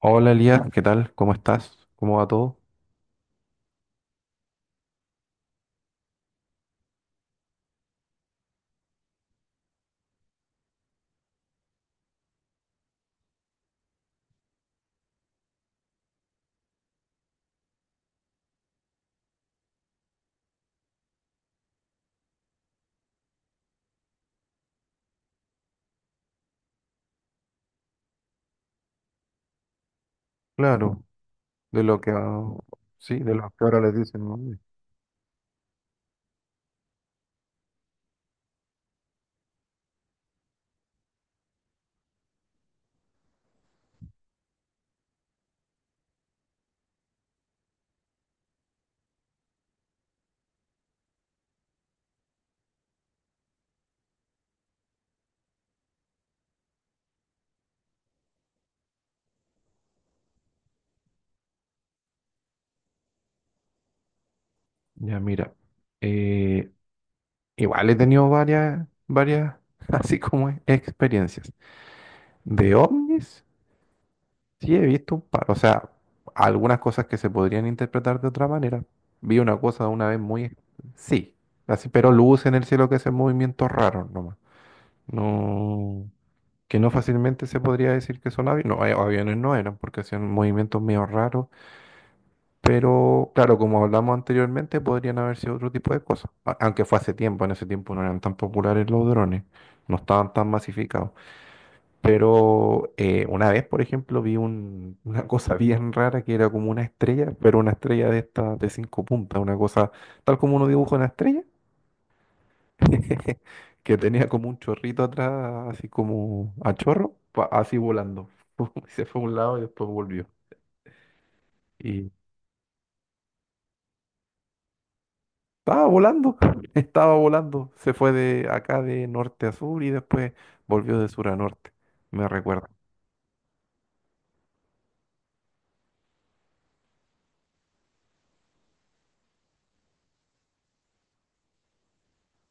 Hola Elías, ¿qué tal? ¿Cómo estás? ¿Cómo va todo? Claro, de lo que a- sí, de lo que ahora les dicen, ¿no? Ya mira, eh, igual he tenido varias, así como es, experiencias. De ovnis, sí he visto un par, o sea, algunas cosas que se podrían interpretar de otra manera. Vi una cosa una vez muy, sí, así, pero luz en el cielo que es movimientos raros nomás. No. Que no fácilmente se podría decir que son aviones. No, aviones no eran porque hacían movimientos medio raros, pero claro, como hablamos anteriormente, podrían haber sido otro tipo de cosas. Aunque fue hace tiempo, en ese tiempo no eran tan populares los drones, no estaban tan masificados. Pero una vez, por ejemplo, vi una cosa bien rara que era como una estrella, pero una estrella de estas de 5 puntas, una cosa tal como uno dibuja una estrella que tenía como un chorrito atrás, así como a chorro, así volando. Se fue a un lado y después volvió. Y estaba volando, estaba volando. Se fue de acá de norte a sur y después volvió de sur a norte. Me recuerdo.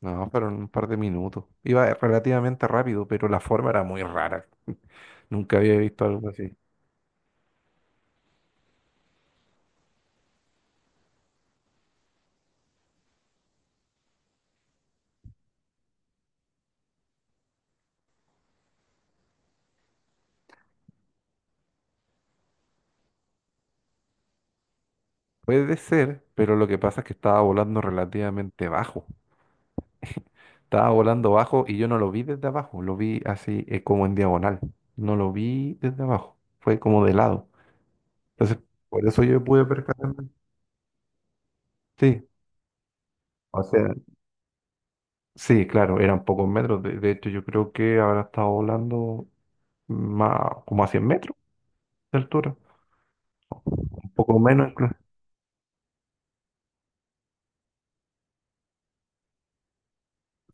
No, fueron un par de minutos. Iba relativamente rápido, pero la forma era muy rara. Nunca había visto algo así. Puede ser, pero lo que pasa es que estaba volando relativamente bajo. Estaba volando bajo y yo no lo vi desde abajo, lo vi así como en diagonal. No lo vi desde abajo, fue como de lado. Entonces, por eso yo pude percatarme. Sí, o sea, sí, claro, eran pocos metros. De hecho, yo creo que habrá estado volando más, como a 100 metros de altura, un poco menos.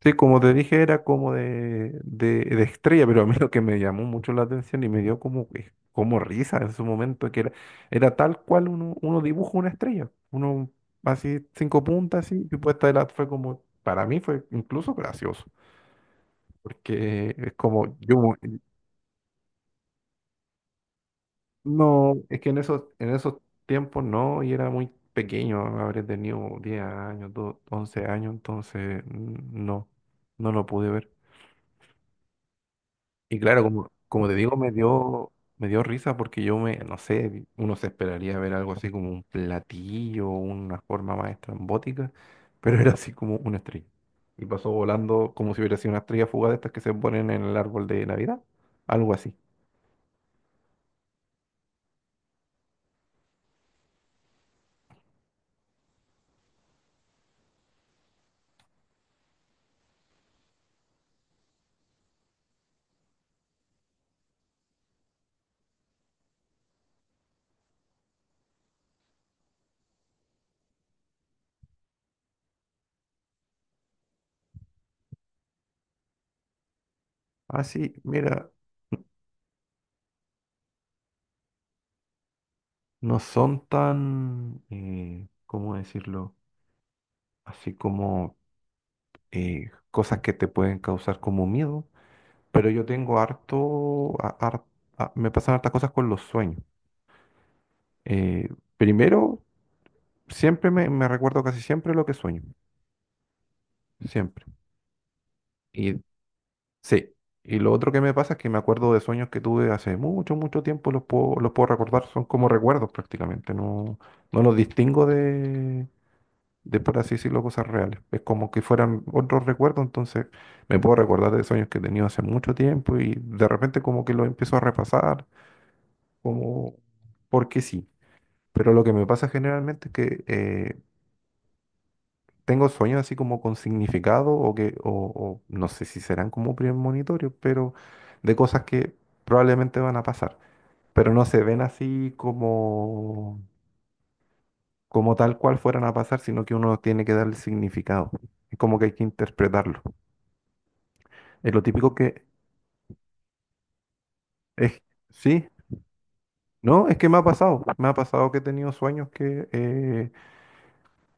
Sí, como te dije, era como de estrella, pero a mí lo que me llamó mucho la atención y me dio como, como risa en su momento, que era tal cual uno dibuja una estrella, uno así, 5 puntas, así, y puesta de la, fue como, para mí fue incluso gracioso, porque es como, yo, no, es que en esos tiempos no, y era muy pequeño, habré tenido 10 años, 11 años, entonces no, no lo pude ver. Y claro, como te digo, me dio risa porque yo me, no sé, uno se esperaría ver algo así como un platillo, una forma más estrambótica, pero era así como una estrella. Y pasó volando como si hubiera sido una estrella fugaz de estas que se ponen en el árbol de Navidad, algo así. Así, mira, no son tan, ¿cómo decirlo? Así como cosas que te pueden causar como miedo, pero yo tengo harto, a- har- a- me pasan hartas cosas con los sueños. Eh, primero, siempre me recuerdo casi siempre lo que sueño, siempre. Y sí, y lo otro que me pasa es que me acuerdo de sueños que tuve hace mucho, mucho tiempo, los puedo recordar, son como recuerdos prácticamente, no, no los distingo de, por así decirlo, cosas reales. Es como que fueran otros recuerdos, entonces me puedo recordar de sueños que he tenido hace mucho tiempo y de repente como que los empiezo a repasar, como porque sí. Pero lo que me pasa generalmente es que tengo sueños así como con significado o que, o no sé si serán como premonitorios, pero de cosas que probablemente van a pasar. Pero no se ven así como, tal cual fueran a pasar, sino que uno tiene que darle significado. Es como que hay que interpretarlo. Es lo típico que es, sí, no, es que me ha pasado. Me ha pasado que he tenido sueños que eh,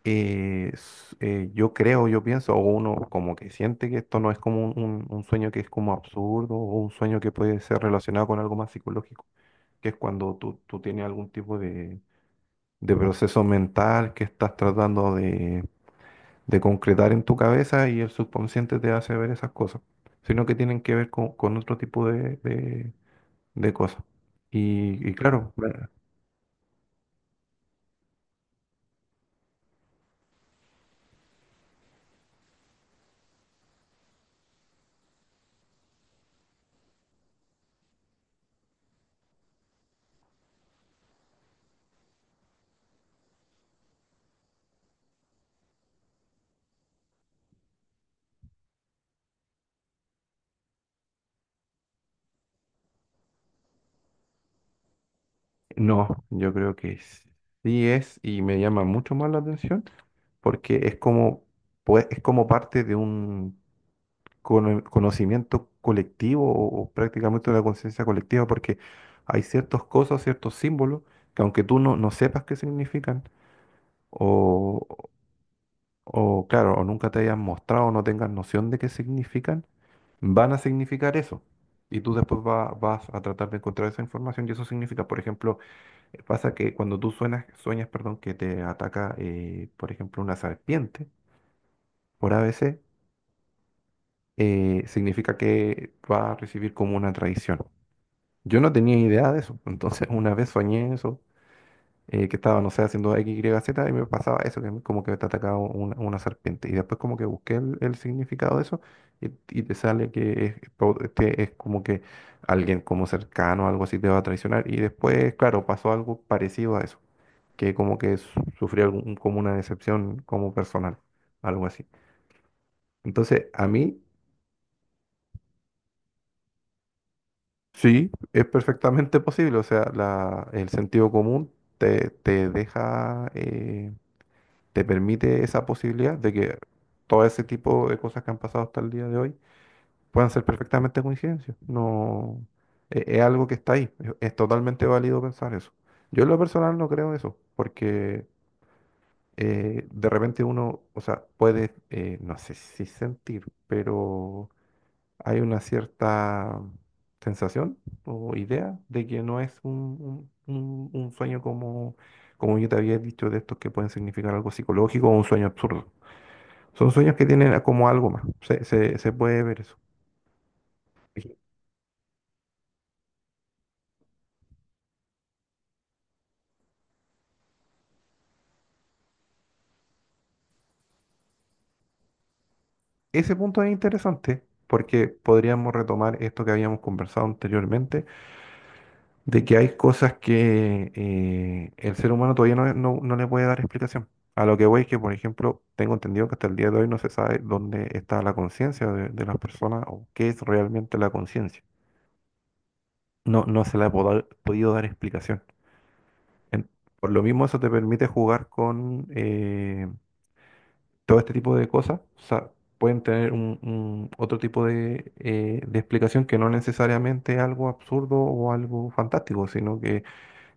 eh, s- eh, yo creo, yo pienso, o uno como que siente que esto no es como un sueño que es como absurdo o un sueño que puede ser relacionado con algo más psicológico, que es cuando tú tienes algún tipo de proceso mental que estás tratando de concretar en tu cabeza y el subconsciente te hace ver esas cosas, sino que tienen que ver con otro tipo de cosas. Y claro, no, yo creo que sí es y me llama mucho más la atención porque es como, pues, es como parte de un conocimiento colectivo o prácticamente una conciencia colectiva, porque hay ciertas cosas, ciertos símbolos que aunque tú no, no sepas qué significan, o, o claro, o nunca te hayan mostrado o no tengas noción de qué significan, van a significar eso. Y tú después vas a tratar de encontrar esa información y eso significa, por ejemplo, pasa que cuando tú suenas, sueñas, perdón, que te ataca, por ejemplo, una serpiente por a ABC, significa que va a recibir como una traición. Yo no tenía idea de eso, entonces una vez soñé eso, que estaba, no sé, haciendo X, Y, Z y me pasaba eso, que como que te atacaba una serpiente. Y después como que busqué el significado de eso y te sale que es como que alguien como cercano, algo así, te va a traicionar. Y después, claro, pasó algo parecido a eso, que como que sufrí algún, como una decepción como personal, algo así. Entonces, a mí sí, es perfectamente posible. O sea, el sentido común te deja, te permite esa posibilidad de que todo ese tipo de cosas que han pasado hasta el día de hoy puedan ser perfectamente coincidencias. No, es algo que está ahí. Es totalmente válido pensar eso. Yo en lo personal no creo eso, porque de repente uno, o sea, puede, no sé si sentir, pero hay una cierta sensación o idea de que no es un sueño como, yo te había dicho de estos que pueden significar algo psicológico o un sueño absurdo. Son sueños que tienen como algo más. Se puede ver eso. Eje- Ese punto es interesante porque podríamos retomar esto que habíamos conversado anteriormente de que hay cosas que el ser humano todavía no, no, no le puede dar explicación. A lo que voy es que, por ejemplo, tengo entendido que hasta el día de hoy no se sabe dónde está la conciencia de las personas o qué es realmente la conciencia. No, no se le ha podido dar explicación. En- por lo mismo, eso te permite jugar con todo este tipo de cosas. O sea, pueden tener un otro tipo de explicación que no necesariamente algo absurdo o algo fantástico, sino que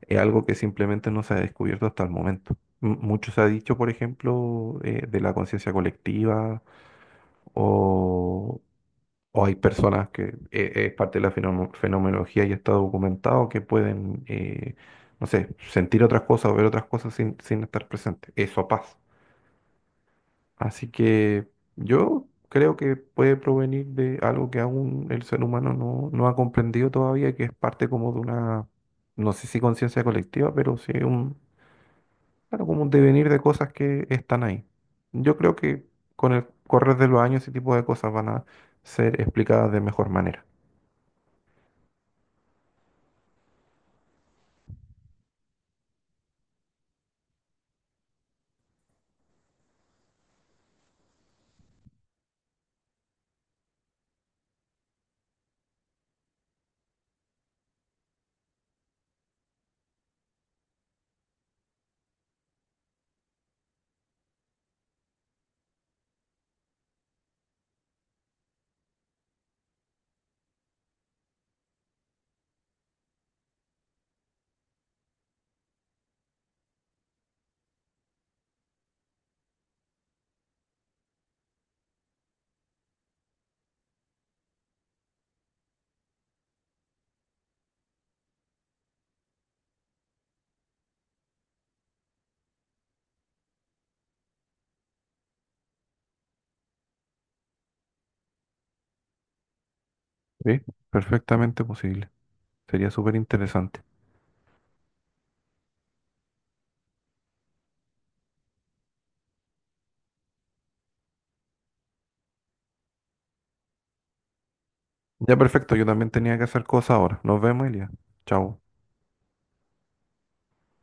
es algo que simplemente no se ha descubierto hasta el momento. Mucho se ha dicho, por ejemplo, de la conciencia colectiva o, o hay personas que es parte de la fenomenología y está documentado que pueden, no sé, sentir otras cosas o ver otras cosas sin estar presentes. Eso pasa. Así que yo creo que puede provenir de algo que aún el ser humano no, no ha comprendido todavía, que es parte como de una, no sé si conciencia colectiva, pero sí, claro, como un devenir de cosas que están ahí. Yo creo que con el correr de los años ese tipo de cosas van a ser explicadas de mejor manera. Sí, perfectamente posible. Sería súper interesante. Ya perfecto, yo también tenía que hacer cosas ahora. Nos vemos, Elia. Chao.